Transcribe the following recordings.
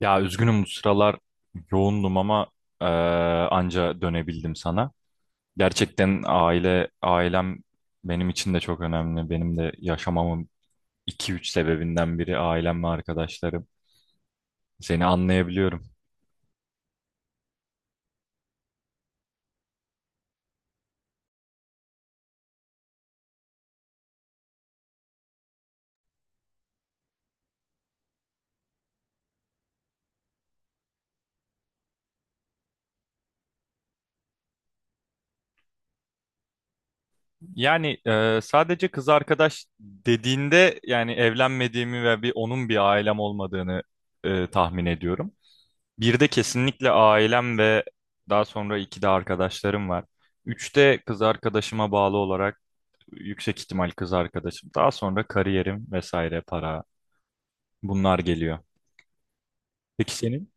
Ya üzgünüm bu sıralar yoğundum ama e, anca dönebildim sana. Gerçekten ailem benim için de çok önemli. Benim de yaşamamın iki üç sebebinden biri ailem ve arkadaşlarım. Seni anlayabiliyorum. Yani sadece kız arkadaş dediğinde yani evlenmediğimi ve bir onun bir ailem olmadığını tahmin ediyorum. Bir de kesinlikle ailem ve daha sonra iki de arkadaşlarım var. Üçte kız arkadaşıma bağlı olarak yüksek ihtimal kız arkadaşım. Daha sonra kariyerim vesaire para bunlar geliyor. Peki senin?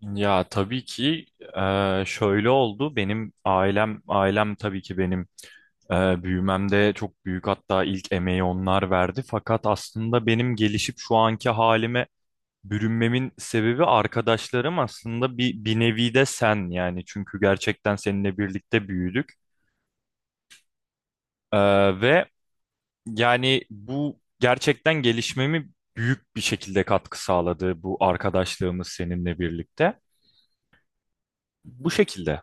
Ya tabii ki şöyle oldu. Benim ailem tabii ki benim büyümemde çok büyük hatta ilk emeği onlar verdi. Fakat aslında benim gelişip şu anki halime bürünmemin sebebi arkadaşlarım aslında bir nevi de sen, yani çünkü gerçekten seninle birlikte büyüdük. Ve yani bu gerçekten gelişmemi büyük bir şekilde katkı sağladı bu arkadaşlığımız seninle birlikte. Bu şekilde.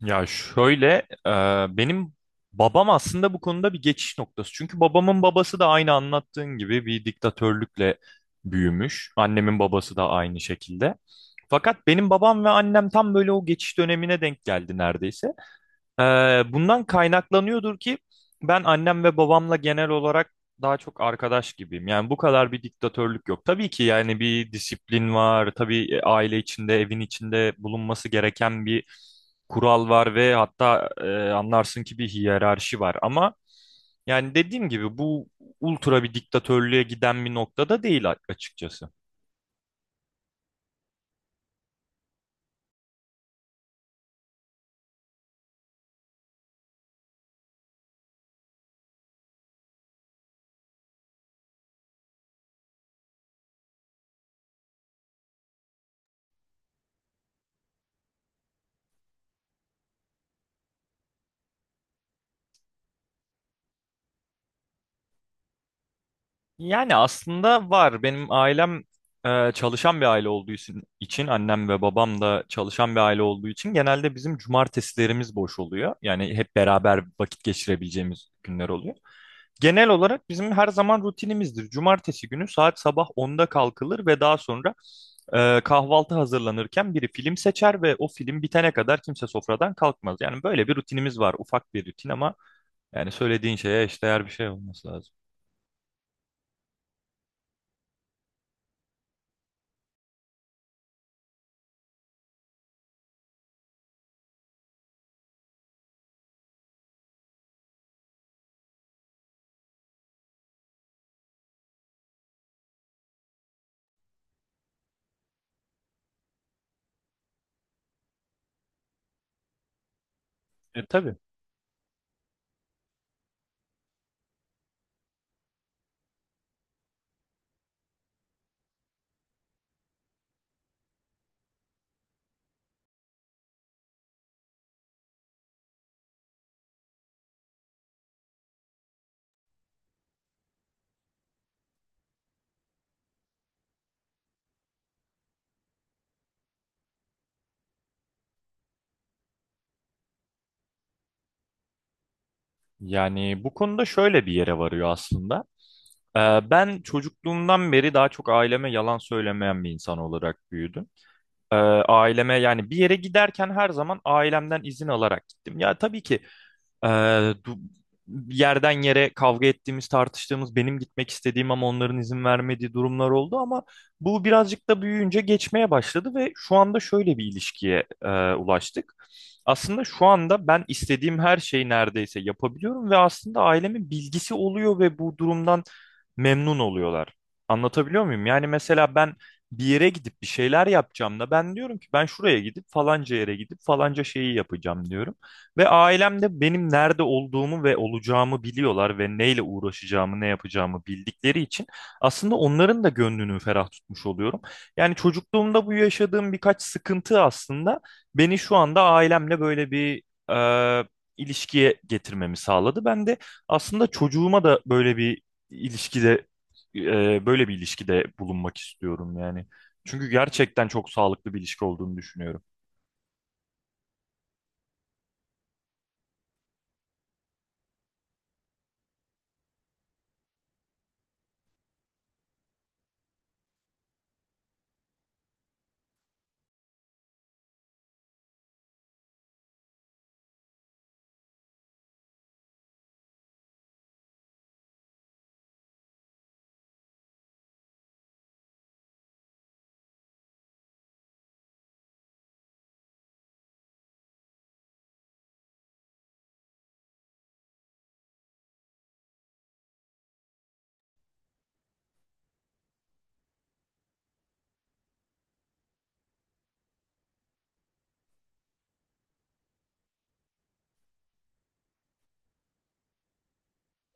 Ya şöyle, e, benim babam aslında bu konuda bir geçiş noktası. Çünkü babamın babası da aynı anlattığın gibi bir diktatörlükle büyümüş. Annemin babası da aynı şekilde. Fakat benim babam ve annem tam böyle o geçiş dönemine denk geldi neredeyse. Ee, Bundan kaynaklanıyordur ki ben annem ve babamla genel olarak daha çok arkadaş gibiyim. Yani bu kadar bir diktatörlük yok. Tabii ki yani bir disiplin var. Tabii, aile içinde, evin içinde bulunması gereken bir kural var ve hatta anlarsın ki bir hiyerarşi var. Ama yani dediğim gibi bu ultra bir diktatörlüğe giden bir noktada değil, açıkçası. Yani aslında var. Benim ailem çalışan bir aile olduğu için, annem ve babam da çalışan bir aile olduğu için genelde bizim cumartesilerimiz boş oluyor. Yani hep beraber vakit geçirebileceğimiz günler oluyor. Genel olarak bizim her zaman rutinimizdir: cumartesi günü saat sabah onda kalkılır ve daha sonra kahvaltı hazırlanırken biri film seçer ve o film bitene kadar kimse sofradan kalkmaz. Yani böyle bir rutinimiz var. Ufak bir rutin ama yani söylediğin şeye eşdeğer bir şey olması lazım. E tabii. Yani bu konuda şöyle bir yere varıyor aslında. Ben çocukluğumdan beri daha çok aileme yalan söylemeyen bir insan olarak büyüdüm. Ee, Aileme, yani bir yere giderken her zaman ailemden izin alarak gittim. Ya tabii ki ee, du- yerden yere kavga ettiğimiz, tartıştığımız, benim gitmek istediğim ama onların izin vermediği durumlar oldu ama bu birazcık da büyüyünce geçmeye başladı ve şu anda şöyle bir ilişkiye ulaştık. Aslında şu anda ben istediğim her şeyi neredeyse yapabiliyorum ve aslında ailemin bilgisi oluyor ve bu durumdan memnun oluyorlar. Anlatabiliyor muyum? Yani mesela ben bir yere gidip bir şeyler yapacağım da ben diyorum ki ben şuraya gidip falanca yere gidip falanca şeyi yapacağım diyorum. Ve ailem de benim nerede olduğumu ve olacağımı biliyorlar ve neyle uğraşacağımı, ne yapacağımı bildikleri için aslında onların da gönlünü ferah tutmuş oluyorum. Yani çocukluğumda bu yaşadığım birkaç sıkıntı aslında beni şu anda ailemle böyle bir e, ilişkiye getirmemi sağladı. Ben de aslında çocuğuma da böyle bir ilişkide, böyle bir ilişkide bulunmak istiyorum yani. Çünkü gerçekten çok sağlıklı bir ilişki olduğunu düşünüyorum.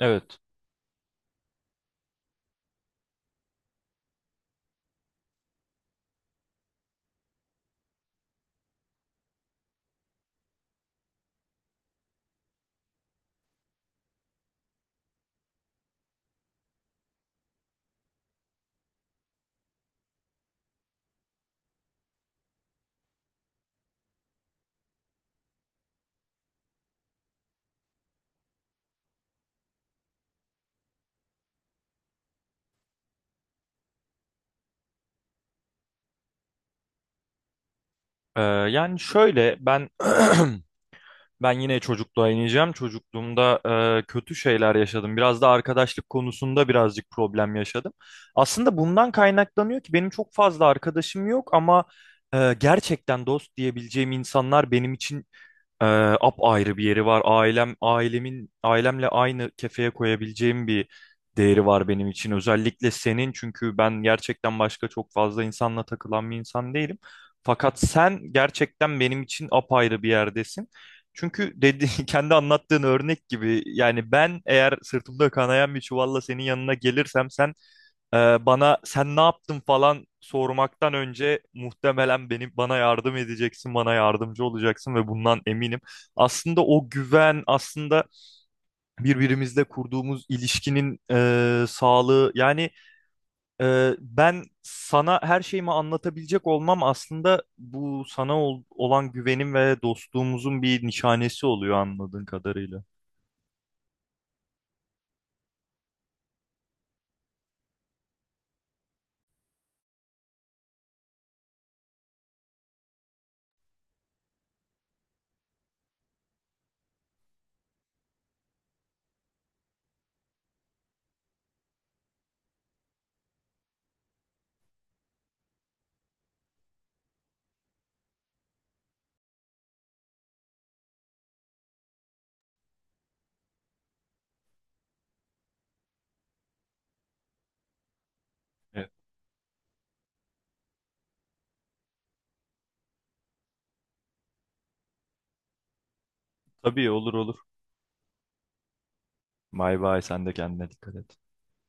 Evet. Yani şöyle ben ben yine çocukluğa ineceğim. Çocukluğumda kötü şeyler yaşadım. Biraz da arkadaşlık konusunda birazcık problem yaşadım. Aslında bundan kaynaklanıyor ki benim çok fazla arkadaşım yok ama gerçekten dost diyebileceğim insanlar benim için ee, apayrı bir yeri var. Ailemle aynı kefeye koyabileceğim bir değeri var benim için. Özellikle senin, çünkü ben gerçekten başka çok fazla insanla takılan bir insan değilim. Fakat sen gerçekten benim için apayrı bir yerdesin. Çünkü dedi, kendi anlattığın örnek gibi, yani ben eğer sırtımda kanayan bir çuvalla senin yanına gelirsem sen bana sen ne yaptın falan sormaktan önce muhtemelen bana yardım edeceksin, bana yardımcı olacaksın ve bundan eminim. Aslında o güven, aslında birbirimizle kurduğumuz ilişkinin sağlığı. Yani ben sana her şeyimi anlatabilecek olmam aslında bu sana olan güvenim ve dostluğumuzun bir nişanesi oluyor anladığın kadarıyla. Evet. Tabii, olur olur. Bay bay, sen de kendine dikkat et.